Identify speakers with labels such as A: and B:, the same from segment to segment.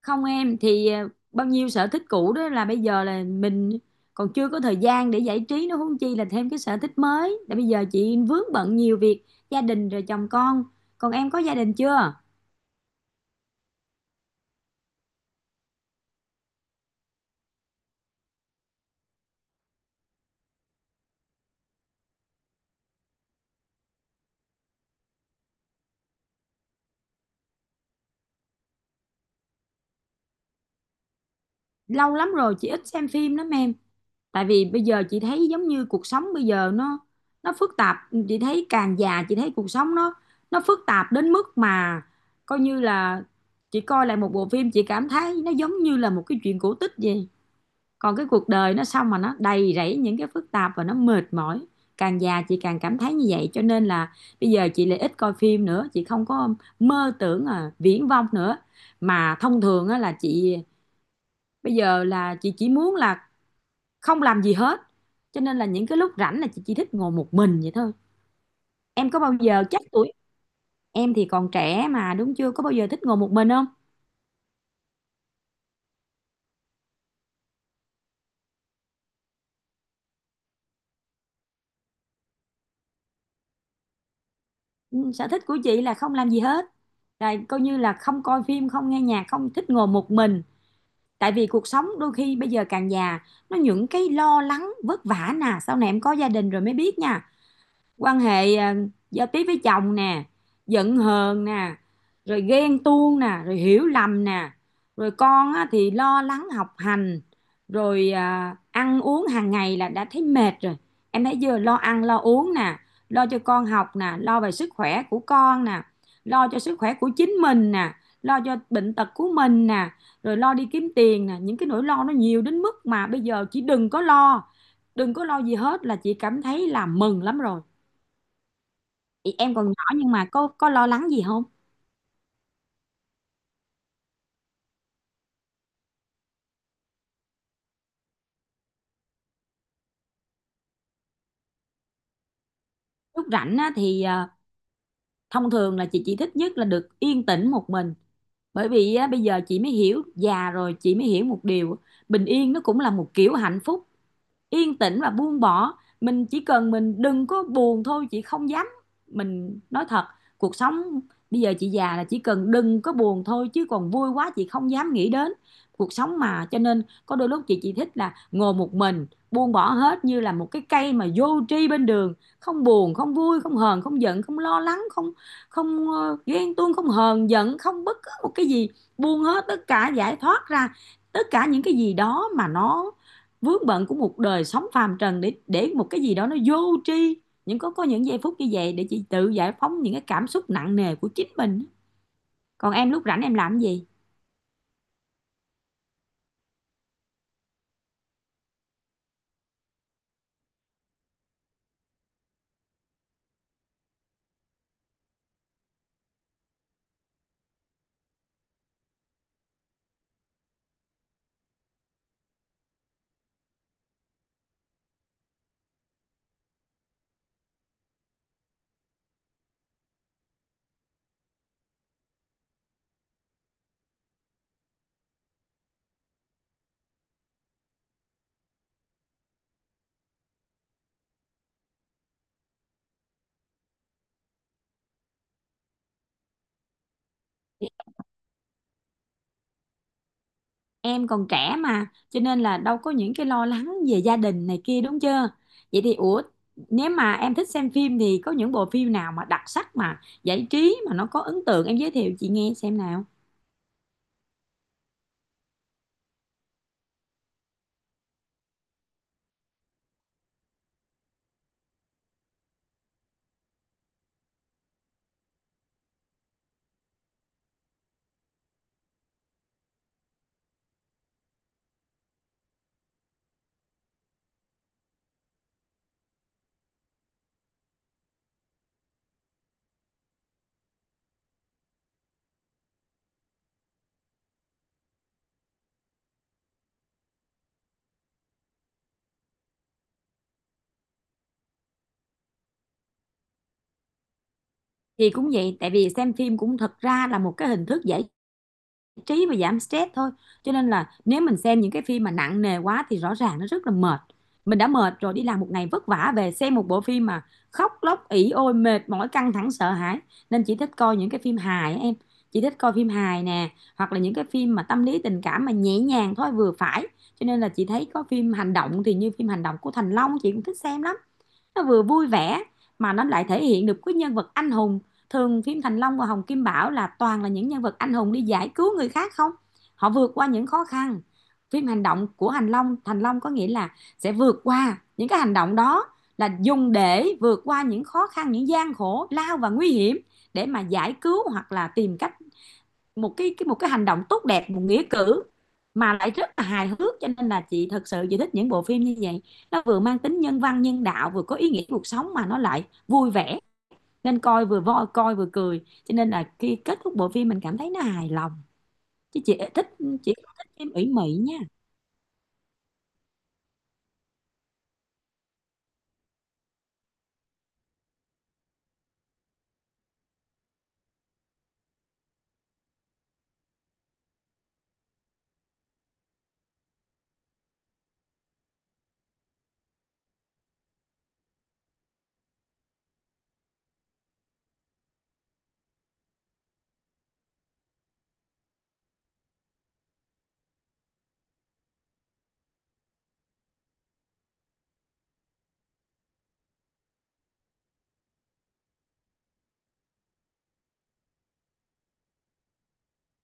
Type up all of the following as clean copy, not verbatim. A: Không, em thì bao nhiêu sở thích cũ đó là bây giờ là mình còn chưa có thời gian để giải trí nó, huống chi là thêm cái sở thích mới. Là bây giờ chị vướng bận nhiều việc gia đình rồi, chồng con. Còn em có gia đình chưa? Lâu lắm rồi chị ít xem phim lắm em. Tại vì bây giờ chị thấy giống như cuộc sống bây giờ nó phức tạp. Chị thấy càng già chị thấy cuộc sống nó phức tạp đến mức mà coi như là chị coi lại một bộ phim chị cảm thấy nó giống như là một cái chuyện cổ tích vậy. Còn cái cuộc đời nó xong mà nó đầy rẫy những cái phức tạp và nó mệt mỏi. Càng già chị càng cảm thấy như vậy, cho nên là bây giờ chị lại ít coi phim nữa, chị không có mơ tưởng, viển vông nữa. Mà thông thường là chị bây giờ là chị chỉ muốn là không làm gì hết. Cho nên là những cái lúc rảnh là chị chỉ thích ngồi một mình vậy thôi. Em có bao giờ chắc tuổi em thì còn trẻ mà đúng chưa, có bao giờ thích ngồi một mình không? Ừ, sở thích của chị là không làm gì hết, rồi coi như là không coi phim, không nghe nhạc, không thích ngồi một mình. Tại vì cuộc sống đôi khi bây giờ càng già nó những cái lo lắng vất vả nè, sau này em có gia đình rồi mới biết nha. Quan hệ, giao tiếp với chồng nè, giận hờn nè, rồi ghen tuông nè, rồi hiểu lầm nè, rồi con á, thì lo lắng học hành, rồi ăn uống hàng ngày là đã thấy mệt rồi. Em thấy vừa lo ăn lo uống nè, lo cho con học nè, lo về sức khỏe của con nè, lo cho sức khỏe của chính mình nè, lo cho bệnh tật của mình nè, rồi lo đi kiếm tiền nè, những cái nỗi lo nó nhiều đến mức mà bây giờ chỉ đừng có lo, đừng có lo gì hết là chị cảm thấy là mừng lắm rồi. Thì em còn nhỏ nhưng mà có lo lắng gì không? Lúc rảnh á, thì thông thường là chị chỉ thích nhất là được yên tĩnh một mình. Bởi vì á, bây giờ chị mới hiểu, già rồi chị mới hiểu một điều, bình yên nó cũng là một kiểu hạnh phúc. Yên tĩnh và buông bỏ, mình chỉ cần mình đừng có buồn thôi, chị không dám, mình nói thật, cuộc sống bây giờ chị già là chỉ cần đừng có buồn thôi, chứ còn vui quá chị không dám nghĩ đến cuộc sống. Mà cho nên có đôi lúc chị chỉ thích là ngồi một mình buông bỏ hết như là một cái cây mà vô tri bên đường, không buồn không vui không hờn không giận không lo lắng không, không ghen tuông không hờn giận không bất cứ một cái gì, buông hết tất cả, giải thoát ra tất cả những cái gì đó mà nó vướng bận của một đời sống phàm trần, để một cái gì đó nó vô tri, những có những giây phút như vậy để chị tự giải phóng những cái cảm xúc nặng nề của chính mình. Còn em lúc rảnh em làm gì? Em còn trẻ mà cho nên là đâu có những cái lo lắng về gia đình này kia đúng chưa? Vậy thì ủa, nếu mà em thích xem phim thì có những bộ phim nào mà đặc sắc mà giải trí mà nó có ấn tượng em giới thiệu chị nghe xem nào. Thì cũng vậy, tại vì xem phim cũng thật ra là một cái hình thức giải trí và giảm stress thôi. Cho nên là nếu mình xem những cái phim mà nặng nề quá thì rõ ràng nó rất là mệt. Mình đã mệt rồi, đi làm một ngày vất vả về xem một bộ phim mà khóc lóc ỉ ôi mệt mỏi căng thẳng sợ hãi. Nên chị thích coi những cái phim hài em, chị thích coi phim hài nè, hoặc là những cái phim mà tâm lý tình cảm mà nhẹ nhàng thôi vừa phải. Cho nên là chị thấy có phim hành động thì như phim hành động của Thành Long chị cũng thích xem lắm. Nó vừa vui vẻ mà nó lại thể hiện được cái nhân vật anh hùng. Thường phim Thành Long và Hồng Kim Bảo là toàn là những nhân vật anh hùng đi giải cứu người khác không, họ vượt qua những khó khăn. Phim hành động của Thành Long, Thành Long có nghĩa là sẽ vượt qua những cái hành động đó là dùng để vượt qua những khó khăn những gian khổ lao và nguy hiểm để mà giải cứu hoặc là tìm cách một cái một cái hành động tốt đẹp, một nghĩa cử mà lại rất là hài hước. Cho nên là chị thật sự chị thích những bộ phim như vậy. Nó vừa mang tính nhân văn nhân đạo vừa có ý nghĩa cuộc sống mà nó lại vui vẻ, nên coi vừa voi coi vừa cười, cho nên là khi kết thúc bộ phim mình cảm thấy nó hài lòng. Chứ chị thích, chị không thích phim ủy mị nha.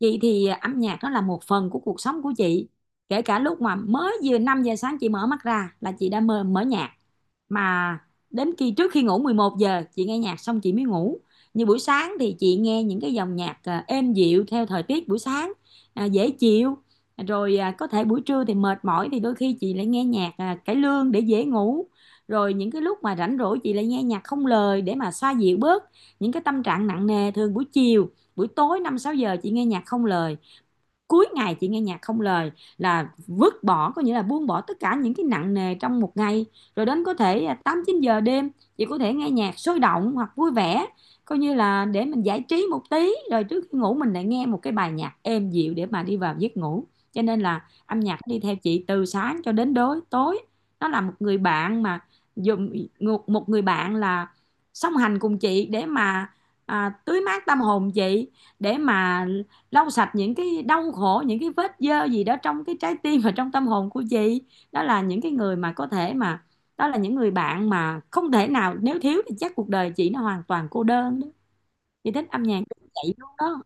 A: Chị thì âm nhạc nó là một phần của cuộc sống của chị. Kể cả lúc mà mới vừa 5 giờ sáng chị mở mắt ra là chị đã mở nhạc, mà đến khi trước khi ngủ 11 giờ chị nghe nhạc xong chị mới ngủ. Như buổi sáng thì chị nghe những cái dòng nhạc êm dịu theo thời tiết buổi sáng, dễ chịu. Rồi có thể buổi trưa thì mệt mỏi thì đôi khi chị lại nghe nhạc cải lương để dễ ngủ. Rồi những cái lúc mà rảnh rỗi chị lại nghe nhạc không lời để mà xoa dịu bớt những cái tâm trạng nặng nề. Thường buổi chiều buổi tối 5-6 giờ chị nghe nhạc không lời, cuối ngày chị nghe nhạc không lời là vứt bỏ, có nghĩa là buông bỏ tất cả những cái nặng nề trong một ngày. Rồi đến có thể 8-9 giờ đêm chị có thể nghe nhạc sôi động hoặc vui vẻ coi như là để mình giải trí một tí, rồi trước khi ngủ mình lại nghe một cái bài nhạc êm dịu để mà đi vào giấc ngủ. Cho nên là âm nhạc đi theo chị từ sáng cho đến đối tối. Nó là một người bạn mà dùng, một một người bạn là song hành cùng chị để mà, tưới mát tâm hồn chị, để mà lau sạch những cái đau khổ những cái vết dơ gì đó trong cái trái tim và trong tâm hồn của chị. Đó là những cái người mà có thể mà, đó là những người bạn mà không thể nào nếu thiếu thì chắc cuộc đời chị nó hoàn toàn cô đơn đó. Chị thích âm nhạc vậy luôn đó.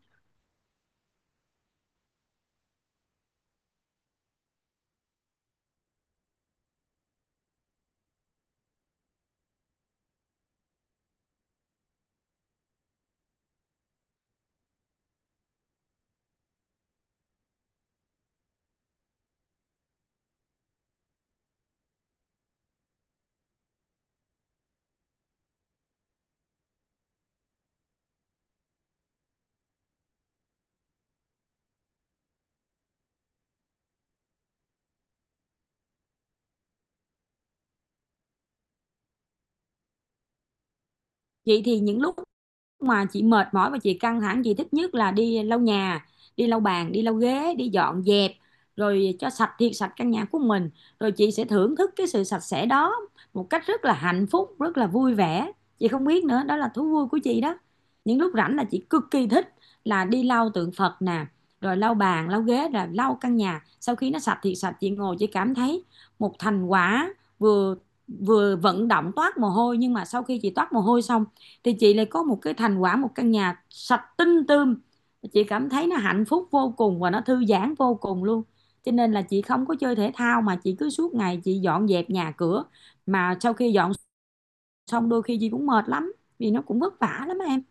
A: Chị thì những lúc mà chị mệt mỏi và chị căng thẳng chị thích nhất là đi lau nhà, đi lau bàn đi lau ghế đi dọn dẹp rồi cho sạch thiệt sạch căn nhà của mình, rồi chị sẽ thưởng thức cái sự sạch sẽ đó một cách rất là hạnh phúc rất là vui vẻ. Chị không biết nữa, đó là thú vui của chị đó. Những lúc rảnh là chị cực kỳ thích là đi lau tượng Phật nè, rồi lau bàn lau ghế rồi lau căn nhà sau khi nó sạch thiệt sạch chị ngồi chị cảm thấy một thành quả, vừa vừa vận động toát mồ hôi, nhưng mà sau khi chị toát mồ hôi xong thì chị lại có một cái thành quả một căn nhà sạch tinh tươm. Chị cảm thấy nó hạnh phúc vô cùng và nó thư giãn vô cùng luôn. Cho nên là chị không có chơi thể thao mà chị cứ suốt ngày chị dọn dẹp nhà cửa, mà sau khi dọn xong đôi khi chị cũng mệt lắm vì nó cũng vất vả lắm em.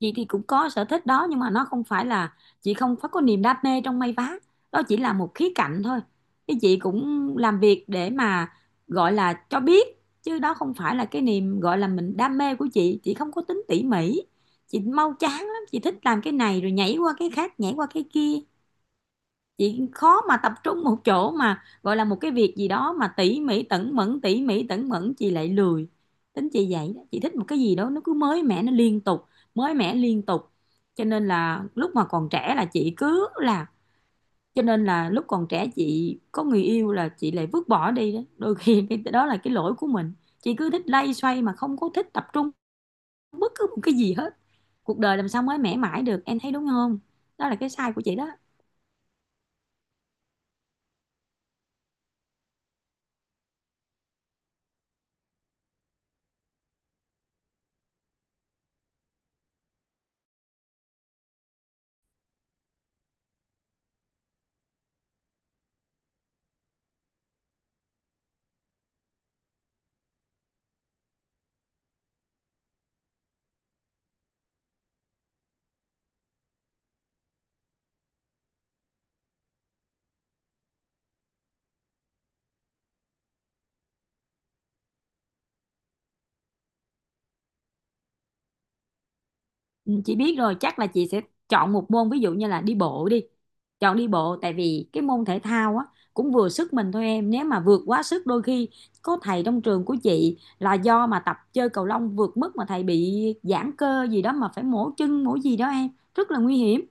A: Chị thì cũng có sở thích đó, nhưng mà nó không phải là, chị không phải có niềm đam mê trong may vá, đó chỉ là một khía cạnh thôi. Cái chị cũng làm việc để mà gọi là cho biết, chứ đó không phải là cái niềm gọi là mình đam mê của chị. Chị không có tính tỉ mỉ, chị mau chán lắm, chị thích làm cái này rồi nhảy qua cái khác nhảy qua cái kia. Chị khó mà tập trung một chỗ mà gọi là một cái việc gì đó mà tỉ mỉ tẩn mẫn, tỉ mỉ tẩn mẫn chị lại lười. Tính chị vậy đó, chị thích một cái gì đó nó cứ mới mẻ nó liên tục, mới mẻ liên tục. Cho nên là lúc mà còn trẻ là chị cứ là, cho nên là lúc còn trẻ chị có người yêu là chị lại vứt bỏ đi đó đôi khi cái đó là cái lỗi của mình. Chị cứ thích lay xoay mà không có thích tập trung bất cứ một cái gì hết. Cuộc đời làm sao mới mẻ mãi được em thấy đúng không? Đó là cái sai của chị đó. Ừ, chị biết rồi, chắc là chị sẽ chọn một môn ví dụ như là đi bộ đi. Chọn đi bộ tại vì cái môn thể thao á cũng vừa sức mình thôi em, nếu mà vượt quá sức đôi khi, có thầy trong trường của chị là do mà tập chơi cầu lông vượt mức mà thầy bị giãn cơ gì đó mà phải mổ chân mổ gì đó em, rất là nguy hiểm.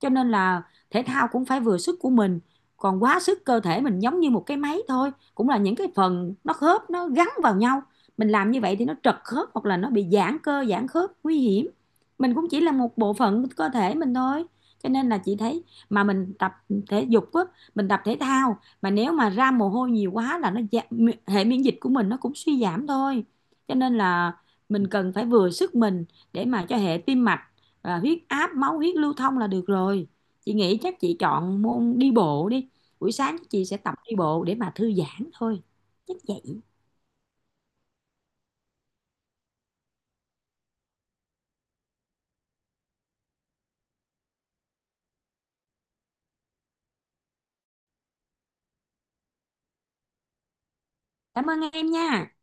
A: Cho nên là thể thao cũng phải vừa sức của mình, còn quá sức cơ thể mình giống như một cái máy thôi cũng là những cái phần nó khớp nó gắn vào nhau, mình làm như vậy thì nó trật khớp hoặc là nó bị giãn cơ giãn khớp nguy hiểm. Mình cũng chỉ là một bộ phận cơ thể mình thôi. Cho nên là chị thấy mà mình tập thể dục á, mình tập thể thao mà nếu mà ra mồ hôi nhiều quá là nó hệ miễn dịch của mình nó cũng suy giảm thôi. Cho nên là mình cần phải vừa sức mình để mà cho hệ tim mạch, huyết áp máu huyết lưu thông là được rồi. Chị nghĩ chắc chị chọn môn đi bộ đi, buổi sáng chị sẽ tập đi bộ để mà thư giãn thôi. Chắc vậy. Cảm ơn em nha.